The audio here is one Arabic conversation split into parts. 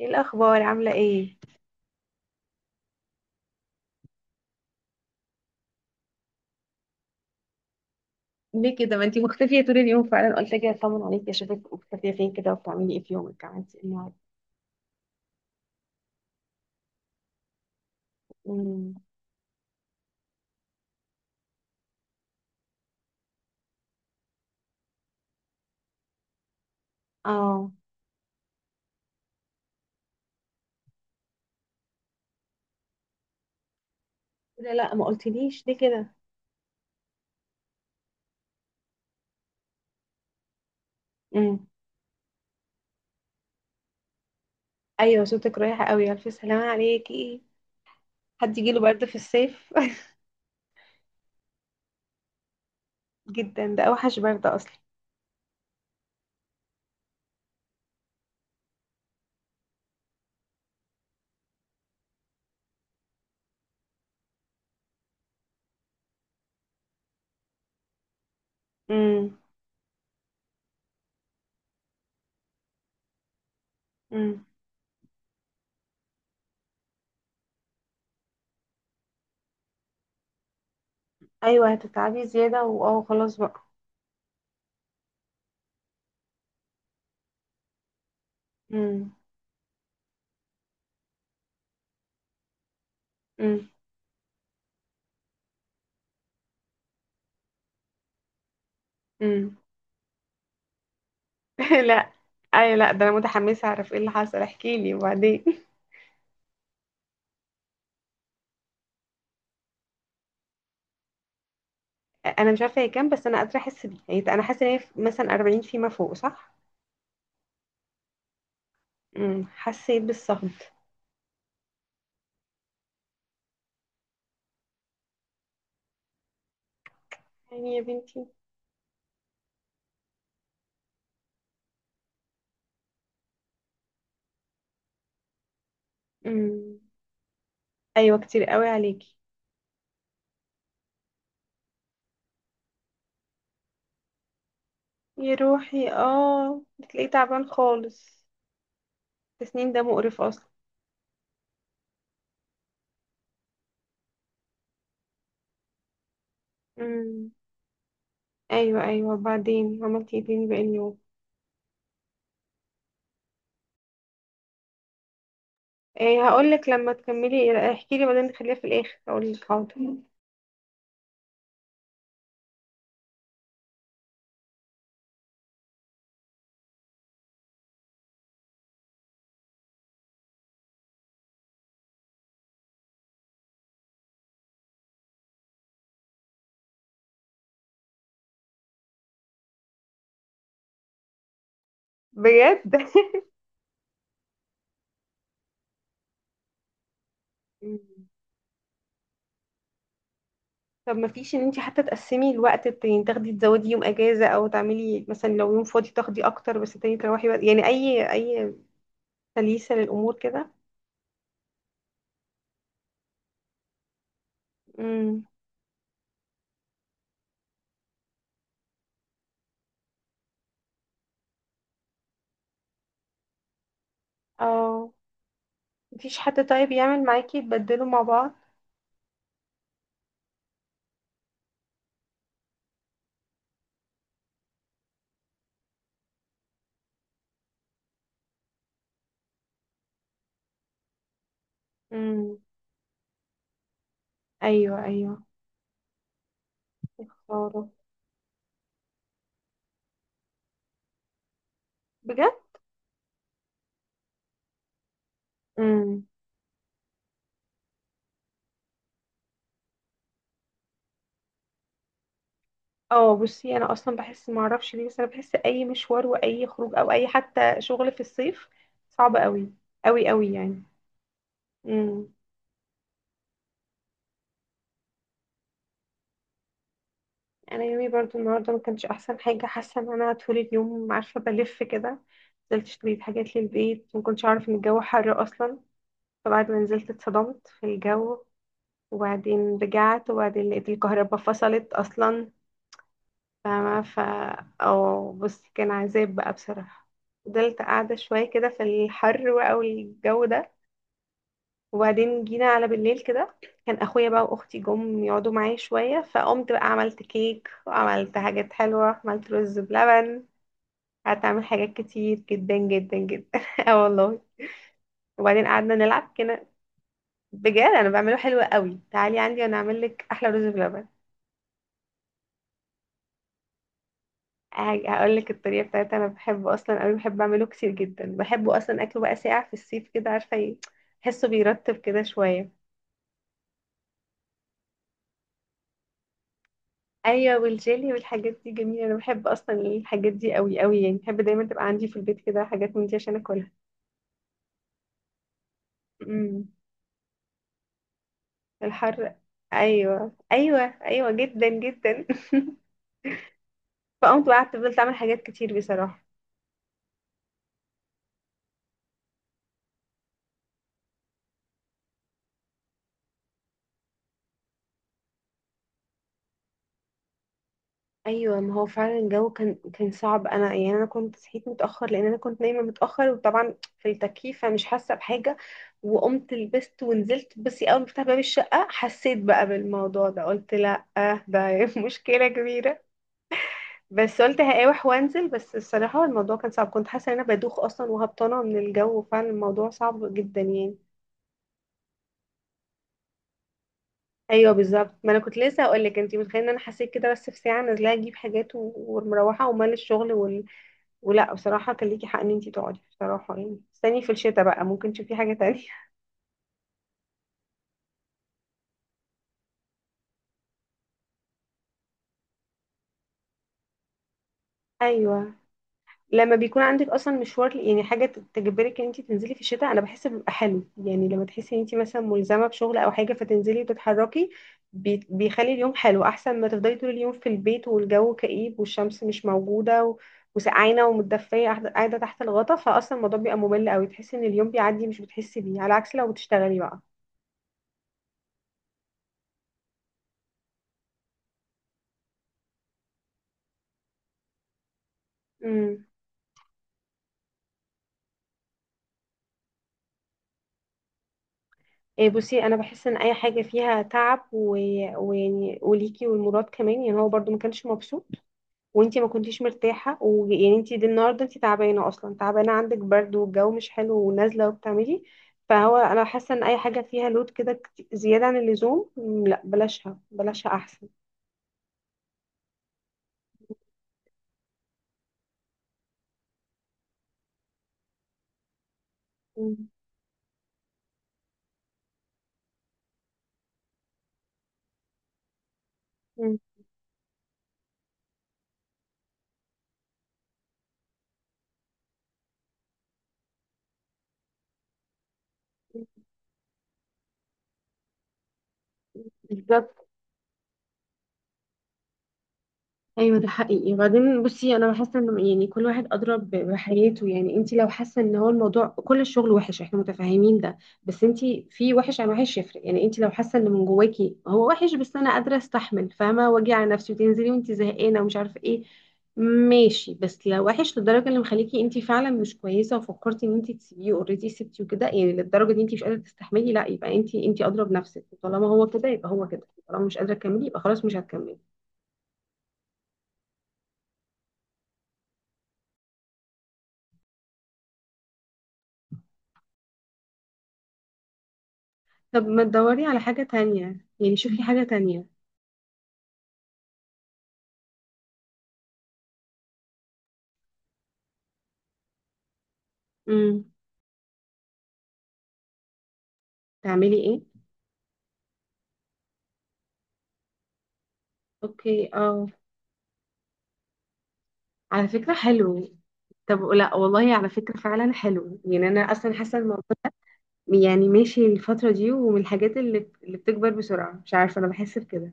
ايه الاخبار؟ عامله ايه؟ ليه كده؟ ما انتي مختفيه طول اليوم، فعلا قلت كده اطمن عليكي، اشوفك مختفيه فين كده وبتعملي ايه في يومك؟ عملتي ايه النهارده؟ امم. اه. لا لا، ما قلتليش ليه كده. امم. ايوه، صوتك رايح قوي، الف سلامه عليكي. حد يجيله برد في الصيف؟ جدا، ده اوحش برد اصلا. امم. امم. ايوه، هتتعبي زياده، واه خلاص بقى. امم. امم. امم. لا. ايوه لا، ده انا متحمسه اعرف ايه اللي حصل، احكيلي وبعدين. انا مش عارفه هي كام، بس انا قادره احس بيه، يعني انا حاسه ان هي مثلا 40 فيما فوق، صح؟ امم. حسيت بالصهد. يعني يا بنتي. امم. ايوه، كتير قوي عليكي. يا روحي، اه، بتلاقيه تعبان خالص. التسنين ده مقرف اصلا. امم. ايوه ايوه، وبعدين عملتي ايه تاني باقي اليوم؟ ايه، هقول لك، لما تكملي احكي لي بعدين، خليها في الاخر، هقول لك حاضر. بجد. طب ما فيش ان انت حتى تقسمي الوقت التاني، تاخدي تزودي يوم اجازة، او تعملي مثلا لو يوم فاضي تاخدي اكتر، بس التاني تروحي بقى، يعني اي تليسة للامور كده. امم. اه. مفيش حد طيب يعمل معاكي تبدلوا مع بعض؟ امم. ايوه ايوه، خلاص. بجد. امم. اه. بصي، انا اصلا بحس، ما اعرفش ليه، بس انا بحس اي مشوار واي خروج او اي حتى شغل في الصيف صعب قوي، قوي قوي يعني. امم. انا يومي برضو النهارده ما كانش احسن حاجه، حاسه ان انا طول اليوم عارفه بلف كده. نزلت اشتريت حاجات للبيت، ما كنتش اعرف ان الجو حر اصلا. فبعد ما نزلت اتصدمت في الجو، وبعدين رجعت، وبعدين لقيت الكهرباء فصلت اصلا. فما ف او بص، كان عذاب بقى بصراحه. فضلت قاعده شويه كده في الحر بقى والجو ده، وبعدين جينا على بالليل كده. كان اخويا بقى واختي جم يقعدوا معايا شويه، فقمت بقى عملت كيك، وعملت حاجات حلوه، عملت رز بلبن. قعدت اعمل حاجات كتير جدا جدا جدا. اه والله. وبعدين قعدنا نلعب كده. بجد انا بعمله حلو قوي، تعالي عندي وانا اعمل لك احلى رز بلبن. هقول لك الطريقه بتاعتها، انا بحبه اصلا قوي، بحب اعمله كتير جدا، بحبه اصلا، اكله بقى ساقع في الصيف كده، عارفه ايه، بحسه بيرطب كده شويه. ايوه، والجيلي والحاجات دي جميله، انا بحب اصلا الحاجات دي قوي قوي، يعني بحب دايما تبقى عندي في البيت كده حاجات من دي عشان اكلها. امم. الحر. ايوه ايوه. ايوه جدا جدا. فقمت بقى قعدت فضلت اعمل حاجات كتير بصراحة. ايوه، ما هو فعلا الجو كان صعب، انا يعني انا كنت صحيت متاخر لان انا كنت نايمه متاخر، وطبعا في التكييف فمش حاسه بحاجه. وقمت لبست ونزلت، بس اول ما فتحت باب الشقه حسيت بقى بالموضوع ده، قلت لا آه، ده مشكله كبيره. بس قلت هقاوح وانزل، بس الصراحه الموضوع كان صعب، كنت حاسه ان انا بدوخ اصلا وهبطانه من الجو، فعلا الموضوع صعب جدا يعني. ايوه بالظبط، ما انا كنت لسه هقول لك، انت متخيله ان انا حسيت كده، بس في ساعه نازله اجيب حاجات ومروحه ومال الشغل ولا بصراحه، كان ليكي حق ان انت تقعدي بصراحه، يعني استني في الشتاء بقى ممكن تشوفي حاجه تانية. ايوه، لما بيكون عندك اصلا مشوار، يعني حاجه تجبرك ان انت تنزلي في الشتاء، انا بحس بيبقى حلو، يعني لما تحسي ان انت مثلا ملزمه بشغل او حاجه فتنزلي وتتحركي، بيخلي اليوم حلو، احسن ما تفضلي طول اليوم في البيت والجو كئيب والشمس مش موجوده وسقعانه ومتدفيه قاعده قاعدة تحت الغطا، فاصلا الموضوع بيبقى ممل قوي، تحسي ان اليوم بيعدي مش بتحسي بيه، على عكس لو بتشتغلي بقى. امم. إيه، بصي انا بحس ان اي حاجه فيها تعب ويعني وليكي والمراد كمان، يعني هو برضو ما كانش مبسوط، وانتي ما كنتيش مرتاحه، ويعني انتي دي النهارده انتي تعبانه اصلا، تعبانه عندك برد والجو مش حلو ونازله وبتعملي. فهو انا حاسه ان اي حاجه فيها لود كده زياده عن اللزوم، لا، بلاشها بلاشها احسن. مم. مم. بالظبط. ايوه، ده حقيقي. وبعدين بصي انا حاسه ان يعني كل واحد ادرى بحياته، يعني انت لو حاسه ان هو الموضوع كل الشغل وحش احنا متفاهمين ده، بس انت في وحش عن وحش يفرق، يعني انت لو حاسه ان من جواكي هو وحش بس انا قادره استحمل فاهمه واجي على نفسي وتنزلي وانت زهقانه ومش عارفه ايه، ماشي. بس لو وحش للدرجه اللي مخليكي انت فعلا مش كويسه وفكرتي ان انت تسيبيه اوريدي سبتي وكده، يعني للدرجه دي انت مش قادره تستحملي، لا يبقى انت اضرب نفسك، طالما هو كده يبقى هو كده، طالما مش قادره تكملي يبقى خلاص مش هتكملي. طب ما تدوري على حاجة تانية، يعني شوفي حاجة تانية. امم. تعملي ايه؟ اوكي، اه. على فكرة حلو. طب لا والله، على فكرة فعلا حلو، يعني انا اصلا حاسة الموضوع، يعني ماشي الفترة دي، ومن الحاجات اللي بتكبر بسرعة، مش عارفة، انا بحس بكده.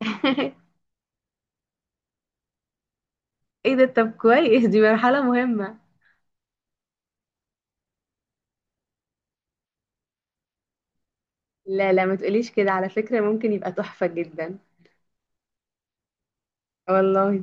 ايه ده؟ طب كويس، دي مرحلة مهمة. لا لا، ما تقوليش كده، على فكرة ممكن يبقى تحفة جدا. والله.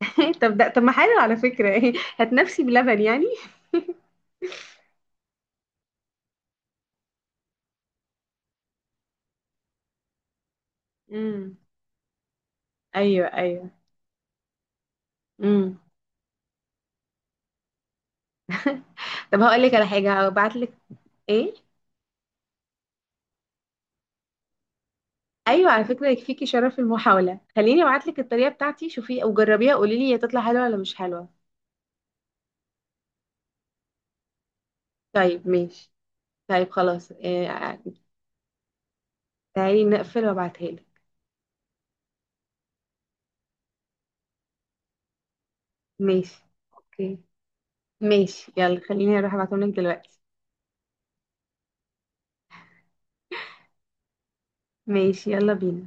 طب ده طب ما حلو على فكرة، هتنفسي بلبن يعني. امم. ايوه ايوه. امم. طب هقول لك على حاجة هبعت لك. ايه؟ ايوه على فكرة، يكفيكي شرف المحاولة، خليني ابعت لك الطريقة بتاعتي، شوفي وجربيها، قولي لي هي تطلع حلوة ولا مش حلوة. طيب ماشي. طيب خلاص، إيه، تعالي نقفل وابعتها لك. ماشي. اوكي. ماشي يلا، خليني اروح ابعتهم لك دلوقتي. ماشي، يلا بينا.